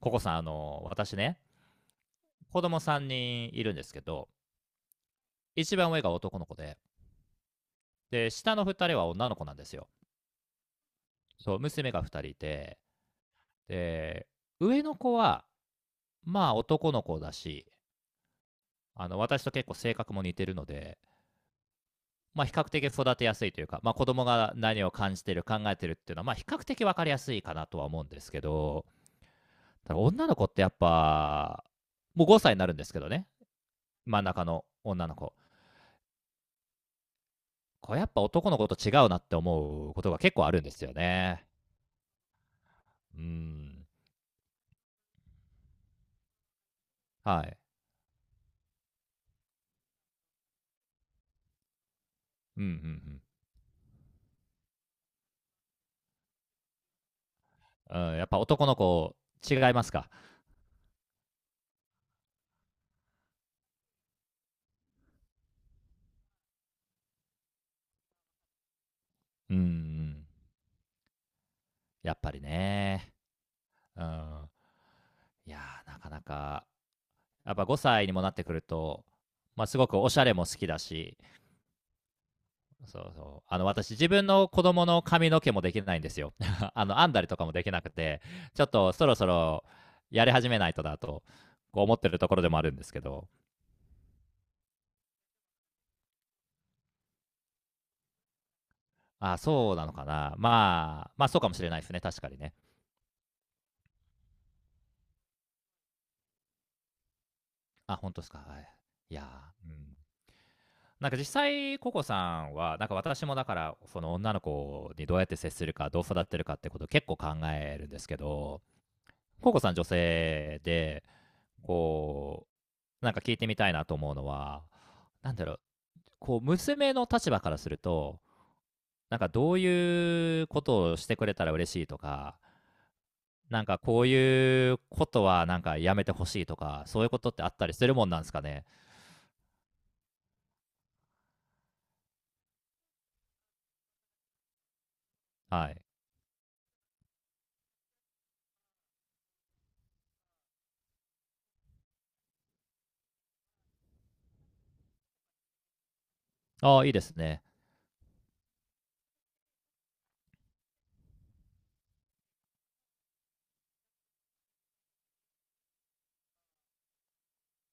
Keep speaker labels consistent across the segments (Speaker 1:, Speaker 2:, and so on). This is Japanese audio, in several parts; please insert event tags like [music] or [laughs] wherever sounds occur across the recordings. Speaker 1: ココさん、私ね、子供3人いるんですけど、一番上が男の子で、下の2人は女の子なんですよ。そう、娘が2人いて、で、上の子は、まあ男の子だし、私と結構性格も似てるので、まあ比較的育てやすいというか、まあ子供が何を感じてる、考えてるっていうのは、まあ比較的わかりやすいかなとは思うんですけど、ただ女の子ってやっぱ、もう5歳になるんですけどね、真ん中の女の子。これやっぱ男の子と違うなって思うことが結構あるんですよね。うん。はい。うんうんうん。うん、やっぱ男の子違いますか？うんうん。やっぱりね。うん。いやー、なかなか、やっぱ5歳にもなってくると、まあ、すごくおしゃれも好きだし、そうそう、私自分の子供の髪の毛もできないんですよ。[laughs] 編んだりとかもできなくて、ちょっとそろそろやり始めないとだと、こう思ってるところでもあるんですけど。あ、そうなのかな。まあ、そうかもしれないですね、確かにね。あ、本当ですか。はい。いやー、うん。なんか実際、ココさんは、なんか私もだから、その女の子にどうやって接するか、どう育てるかってことを結構考えるんですけど、ココさん女性で、こう、なんか聞いてみたいなと思うのは、なんだろう、こう、娘の立場からすると、なんかどういうことをしてくれたら嬉しいとか、なんかこういうことはなんかやめてほしいとか、そういうことってあったりするもんなんですかね。はい。ああ、いいですね。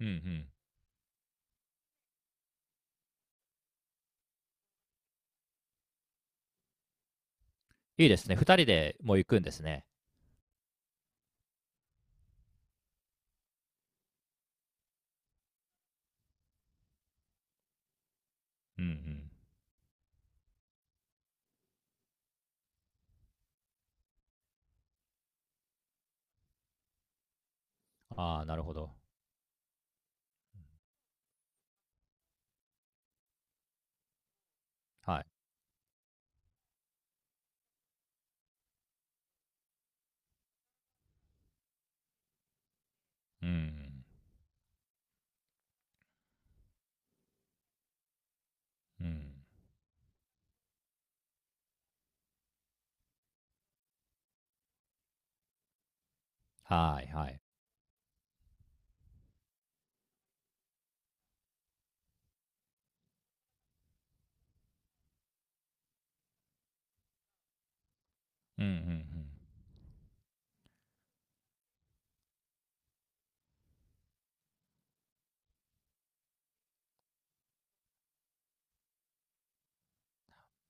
Speaker 1: うんうん。いいですね。2人でもう行くんですね。うんうん。ああ、なるほど。はい。うんうん。うん。はいはい。うんうん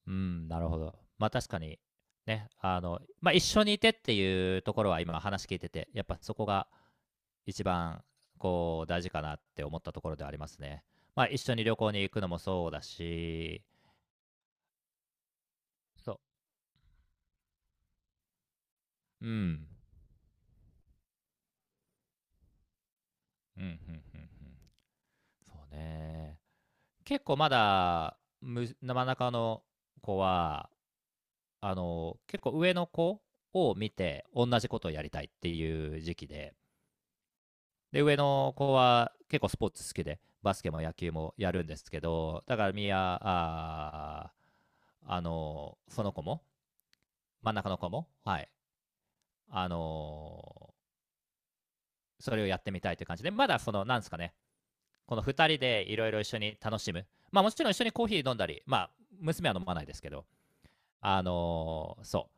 Speaker 1: うん。うん、なるほど。まあ確かに、ね、まあ一緒にいてっていうところは今話聞いてて、やっぱそこが一番こう大事かなって思ったところではありますね。まあ一緒に旅行に行くのもそうだし、そう。うん。うん、うん、うん、うん。そうね。結構まだ、真ん中の子は、結構上の子を見て、同じことをやりたいっていう時期で、で、上の子は結構スポーツ好きで、バスケも野球もやるんですけど、だからみや、あーあの、その子も、真ん中の子も、はい、あの、それをやってみたいという感じで、まだなんですかね、この二人でいろいろ一緒に楽しむ。まあもちろん一緒にコーヒー飲んだり、まあ娘は飲まないですけど、そ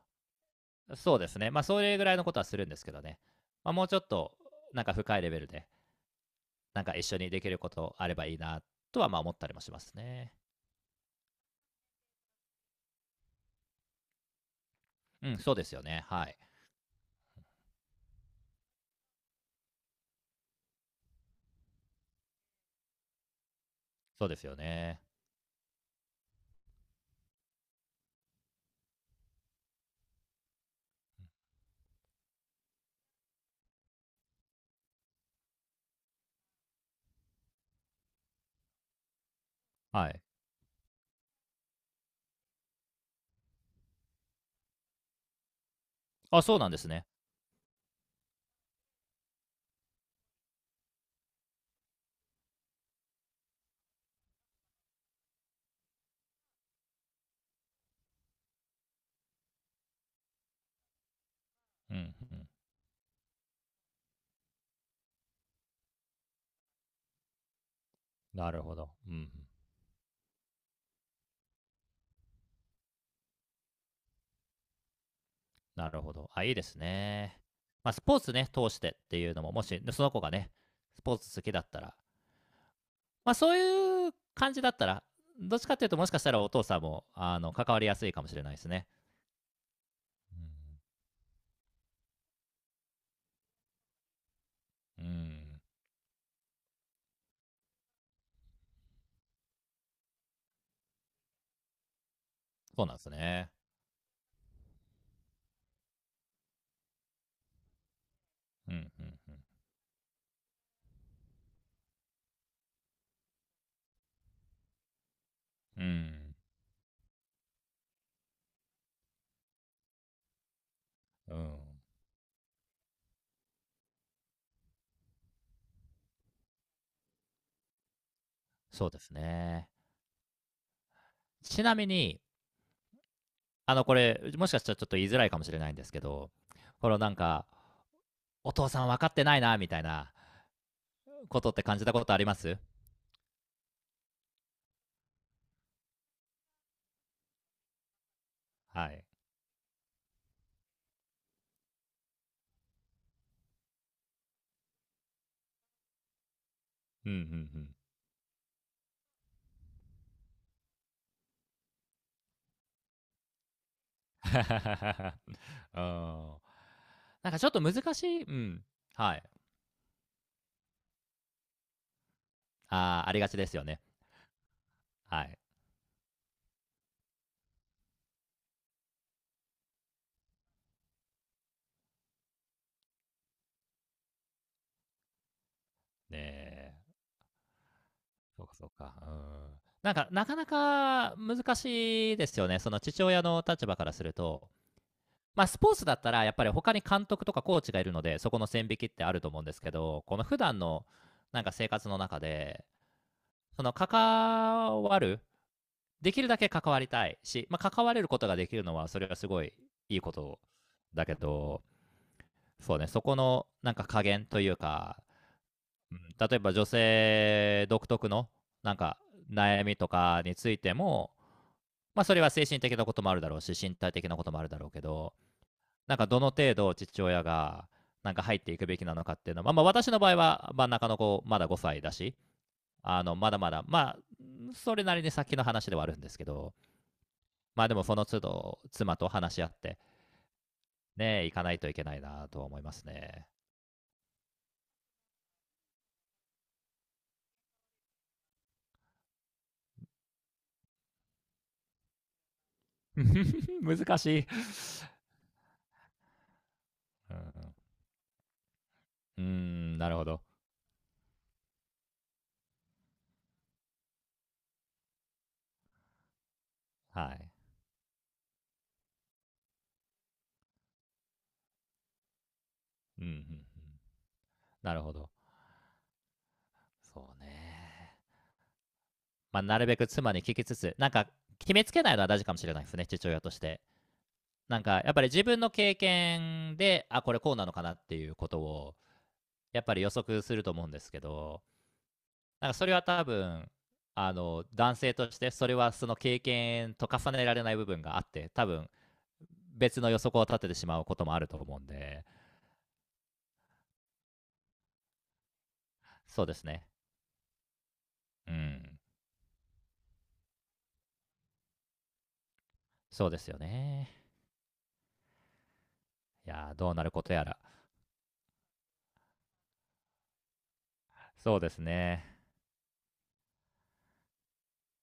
Speaker 1: う。そうですね。まあそれぐらいのことはするんですけどね。まあもうちょっとなんか深いレベルで、なんか一緒にできることあればいいなとはまあ思ったりもしますね。うん、そうですよね。はい。そうですよね。はい。あ、そうなんですね。うん、うん。なるほど。うん、うん。なるほど。あ、いいですね。まあスポーツね、通してっていうのも、もしその子がね、スポーツ好きだったら、まあ、そういう感じだったら、どっちかっていうと、もしかしたらお父さんも関わりやすいかもしれないですね。うん、うんそうなんですね。うん、うん、うん。うん、うん。そうですね。ちなみに、これ、もしかしたらちょっと言いづらいかもしれないんですけど、このなんか、お父さん分かってないな、みたいなことって感じたことあります？はい。うん、うん、うん。[laughs] うんなんかちょっと難しい、うん。はい。あーありがちですよね。はい。ねえ。そうか、そうか。うん。なんか、なかなか難しいですよね。その父親の立場からすると。まあ、スポーツだったら、やっぱり他に監督とかコーチがいるので、そこの線引きってあると思うんですけど、この普段の、なんか生活の中で、その関わる、できるだけ関わりたいし、まあ、関われることができるのは、それはすごいいいことだけど、そうね、そこの、なんか加減というか、例えば女性独特のなんか悩みとかについても、まあ、それは精神的なこともあるだろうし身体的なこともあるだろうけどなんかどの程度父親がなんか入っていくべきなのかっていうのは、まあ、私の場合は真ん中の子まだ5歳だしまだまだまあそれなりに先の話ではあるんですけどまあでもその都度妻と話し合ってね行かないといけないなとは思いますね。 [laughs] 難しい。うん、うんなるほど。はい。うんうんうん。なるほど。そうね。まあ、なるべく妻に聞きつつ、なんか、決めつけないのは大事かもしれないですね、父親として。なんか、やっぱり自分の経験で、あ、これこうなのかなっていうことを、やっぱり予測すると思うんですけど、なんかそれは多分、男性として、それはその経験と重ねられない部分があって、多分、別の予測を立ててしまうこともあると思うんで、そうですね。うん。そうですよね。いやーどうなることやら。そうですね。